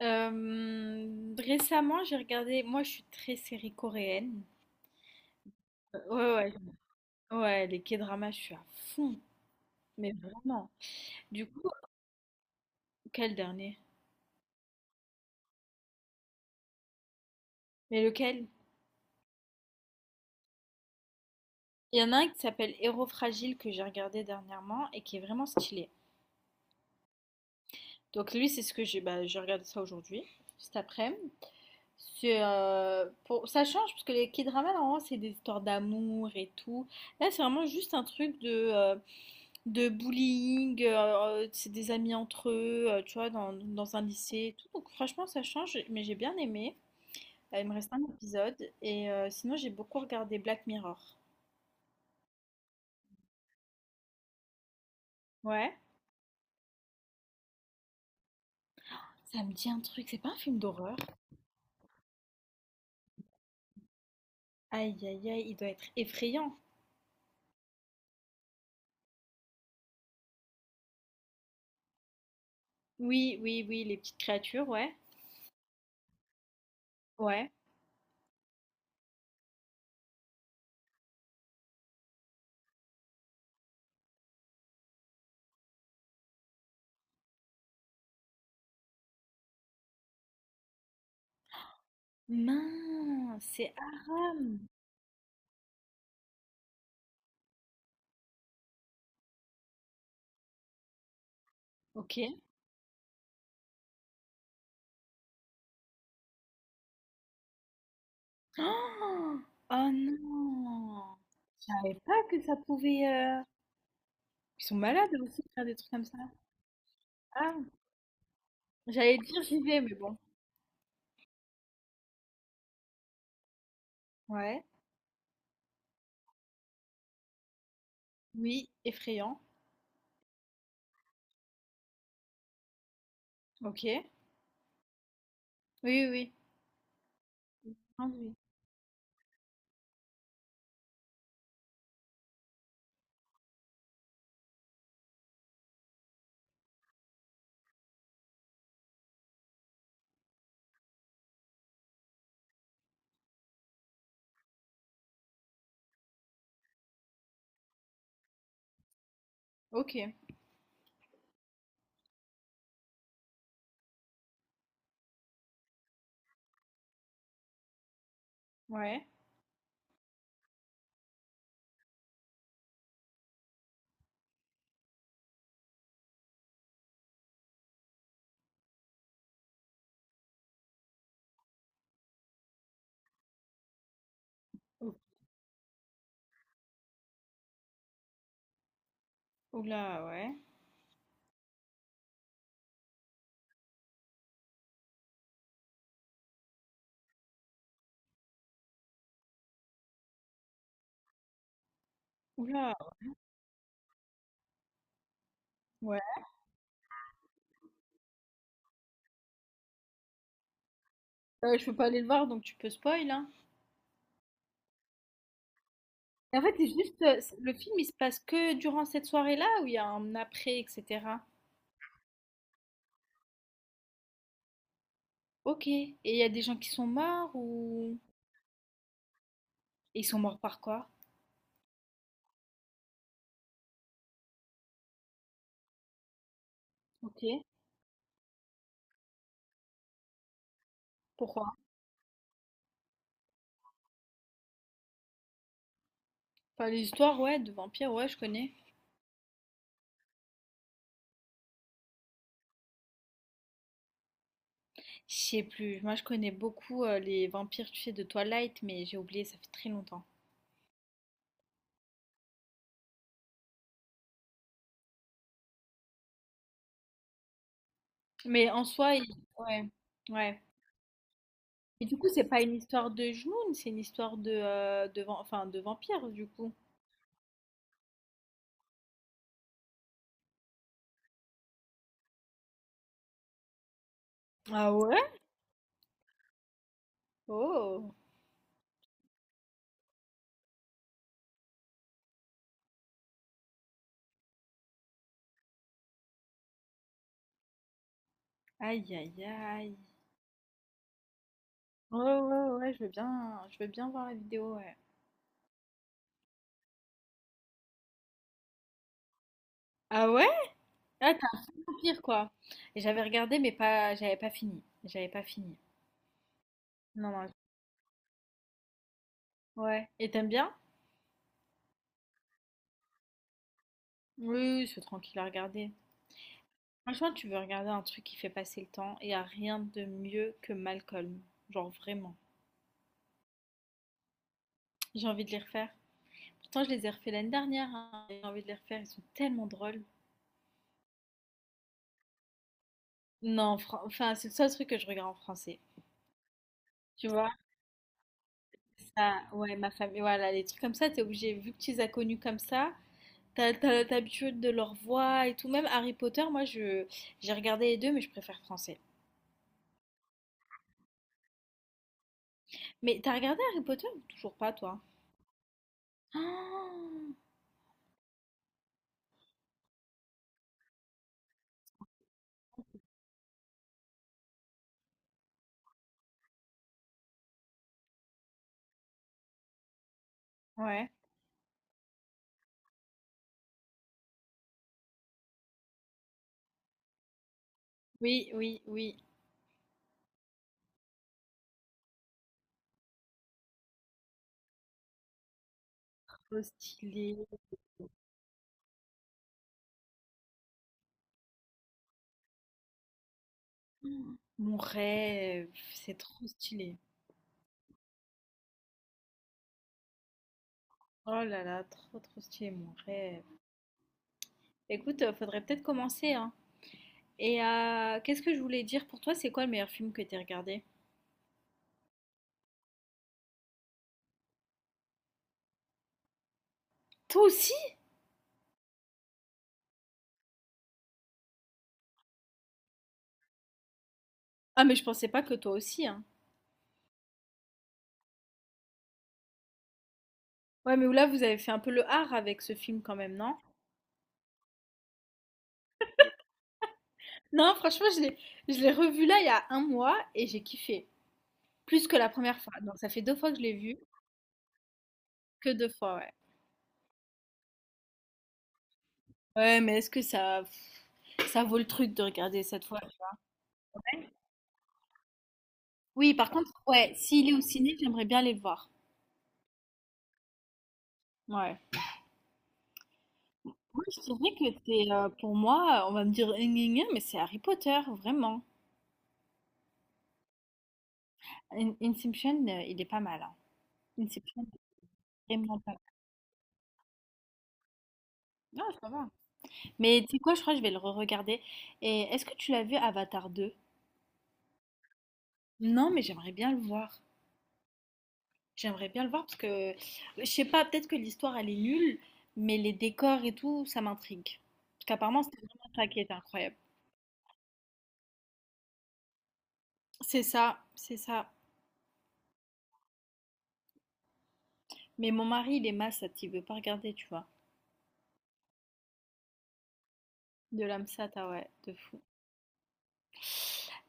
Récemment, j'ai regardé, moi je suis très série coréenne. Euh, Ouais, ouais, ouais, les K-dramas, je suis à fond, mais vraiment. Du coup, quel dernier? Mais lequel? Il y en a un qui s'appelle Héros fragile que j'ai regardé dernièrement et qui est vraiment stylé. Donc lui, c'est ce que j'ai, bah, j'ai regardé ça aujourd'hui, cet après-midi. C'est pour ça change parce que les K-dramas normalement c'est des histoires d'amour et tout. Là, c'est vraiment juste un truc de bullying, c'est des amis entre eux, tu vois, dans un lycée et tout, donc franchement ça change, mais j'ai bien aimé. Il me reste un épisode et sinon j'ai beaucoup regardé Black Mirror. Ouais? Ça me dit un truc, c'est pas un film d'horreur? Aïe aïe aïe, il doit être effrayant. Oui, oui, oui, les petites créatures, ouais. Ouais. Mince, c'est Aram! OK. Oh! Oh non! Je savais pas que ça pouvait, ils sont malades aussi de faire des trucs comme ça. Ah! J'allais dire j'y vais, mais bon. Ouais. Oui, effrayant. Ok. Oui, oui, oui. Enduit. Ok. Ouais. Ou- Oula, ouais. Oula, ouais. Je peux pas aller le voir, donc tu peux spoil, hein. Et en fait, c'est juste le film, il se passe que durant cette soirée-là, ou il y a un après, etc. Ok. Et il y a des gens qui sont morts ou, et ils sont morts par quoi? Ok. Pourquoi? Enfin, les histoires, ouais, de vampires, ouais, je connais. Je sais plus. Moi, je connais beaucoup les vampires, tu sais, de Twilight, mais j'ai oublié, ça fait très longtemps. Mais en soi, il- ouais, ouais. Mais du coup, c'est pas une histoire de Jnoun, c'est une histoire de, enfin, de vampire, du coup. Ah ouais? Oh, aïe, aïe, aïe. Ouais, ouais, ouais, je veux bien voir la vidéo, ouais. Ah ouais? Ah, t'as vampire, quoi. Et j'avais regardé, mais pas, J'avais pas fini. Non, non. Ouais. Et t'aimes bien? Oui, oui, c'est tranquille à regarder. Franchement, tu veux regarder un truc qui fait passer le temps et y a rien de mieux que Malcolm. Genre, vraiment. J'ai envie de les refaire. Pourtant, je les ai refait l'année dernière, hein. J'ai envie de les refaire. Ils sont tellement drôles. Non, enfin, c'est le seul truc que je regarde en français. Tu vois, ça, ouais, ma famille, voilà, les trucs comme ça, t'es obligé, vu que tu les as connus comme ça, t'as l'habitude de leur voix et tout. Même Harry Potter, j'ai regardé les deux, mais je préfère français. Mais t'as regardé Harry Potter? Ou toujours pas, toi. Ah, ouais. Oui, oui, oui. Trop stylé. Mon rêve, c'est trop stylé. Oh là là, trop, trop stylé, mon rêve. Écoute, faudrait peut-être commencer, hein. Et qu'est-ce que je voulais dire, pour toi, c'est quoi le meilleur film que t'aies regardé? Toi aussi? Ah, mais je pensais pas que toi aussi, hein. Ouais, mais là, vous avez fait un peu le art avec ce film quand même, non? Non, franchement, je l'ai revu là il y a un mois et j'ai kiffé. Plus que la première fois. Donc ça fait deux fois que je l'ai vu, que deux fois, ouais. Ouais, mais est-ce que ça, pff, ça vaut le truc de regarder cette fois? Oui, par contre, ouais, s'il est au ciné, j'aimerais bien aller le voir. Ouais. Moi, je dirais que c'est, pour moi, on va me dire gna gna gna, mais c'est Harry Potter, vraiment. Inception, il est pas mal, hein. Inception, il est vraiment pas mal. Non, ça va. Mais tu sais quoi, je crois que je vais le re-regarder. Et est-ce que tu l'as vu Avatar deux? Non, mais j'aimerais bien le voir. J'aimerais bien le voir parce que, je sais pas, peut-être que l'histoire, elle est nulle, mais les décors et tout, ça m'intrigue. Parce qu'apparemment, c'était vraiment ça qui était incroyable. C'est ça, c'est ça. Mais mon mari, il est massat, il veut pas regarder, tu vois. De l'âme sata, ouais, de fou.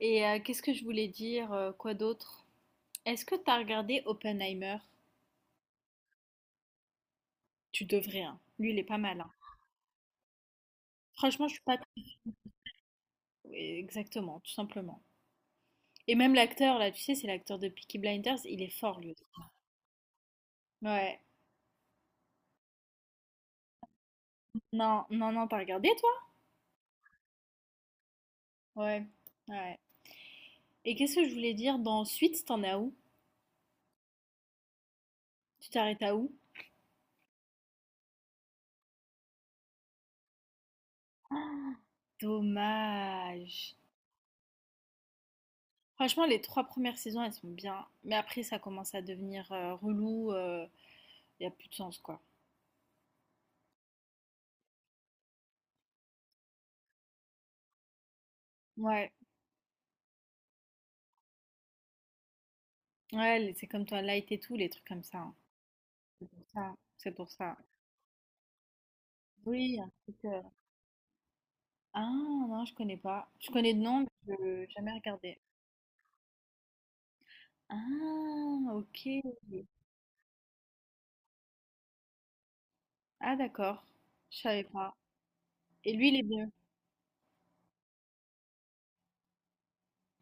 Et qu'est-ce que je voulais dire? Quoi d'autre? Est-ce que t'as regardé Oppenheimer? Tu devrais, hein. Lui, il est pas mal, hein. Franchement, je suis pas... Oui, exactement, tout simplement. Et même l'acteur, là, tu sais, c'est l'acteur de Peaky Blinders, il est fort, lui aussi. Ouais. Non, non, non, t'as regardé, toi? Ouais, ouais. Et qu'est-ce que je voulais dire? Dans Suite, t'en as où? Tu t'arrêtes à où? Dommage. Franchement, les trois premières saisons, elles sont bien. Mais après, ça commence à devenir relou. Il n'y a plus de sens, quoi. Ouais. Ouais, c'est comme toi, Light et tout, les trucs comme ça, hein. C'est pour ça. C'est pour ça. Oui, un truc, Ah non, je connais pas. Je connais de nom, mais je jamais regardé. Ah, ok. Ah d'accord. Je savais pas. Et lui, il est bien.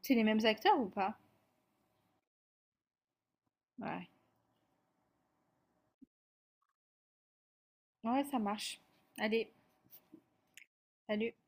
C'est les mêmes acteurs ou pas? Ouais. Ouais, ça marche. Allez, salut.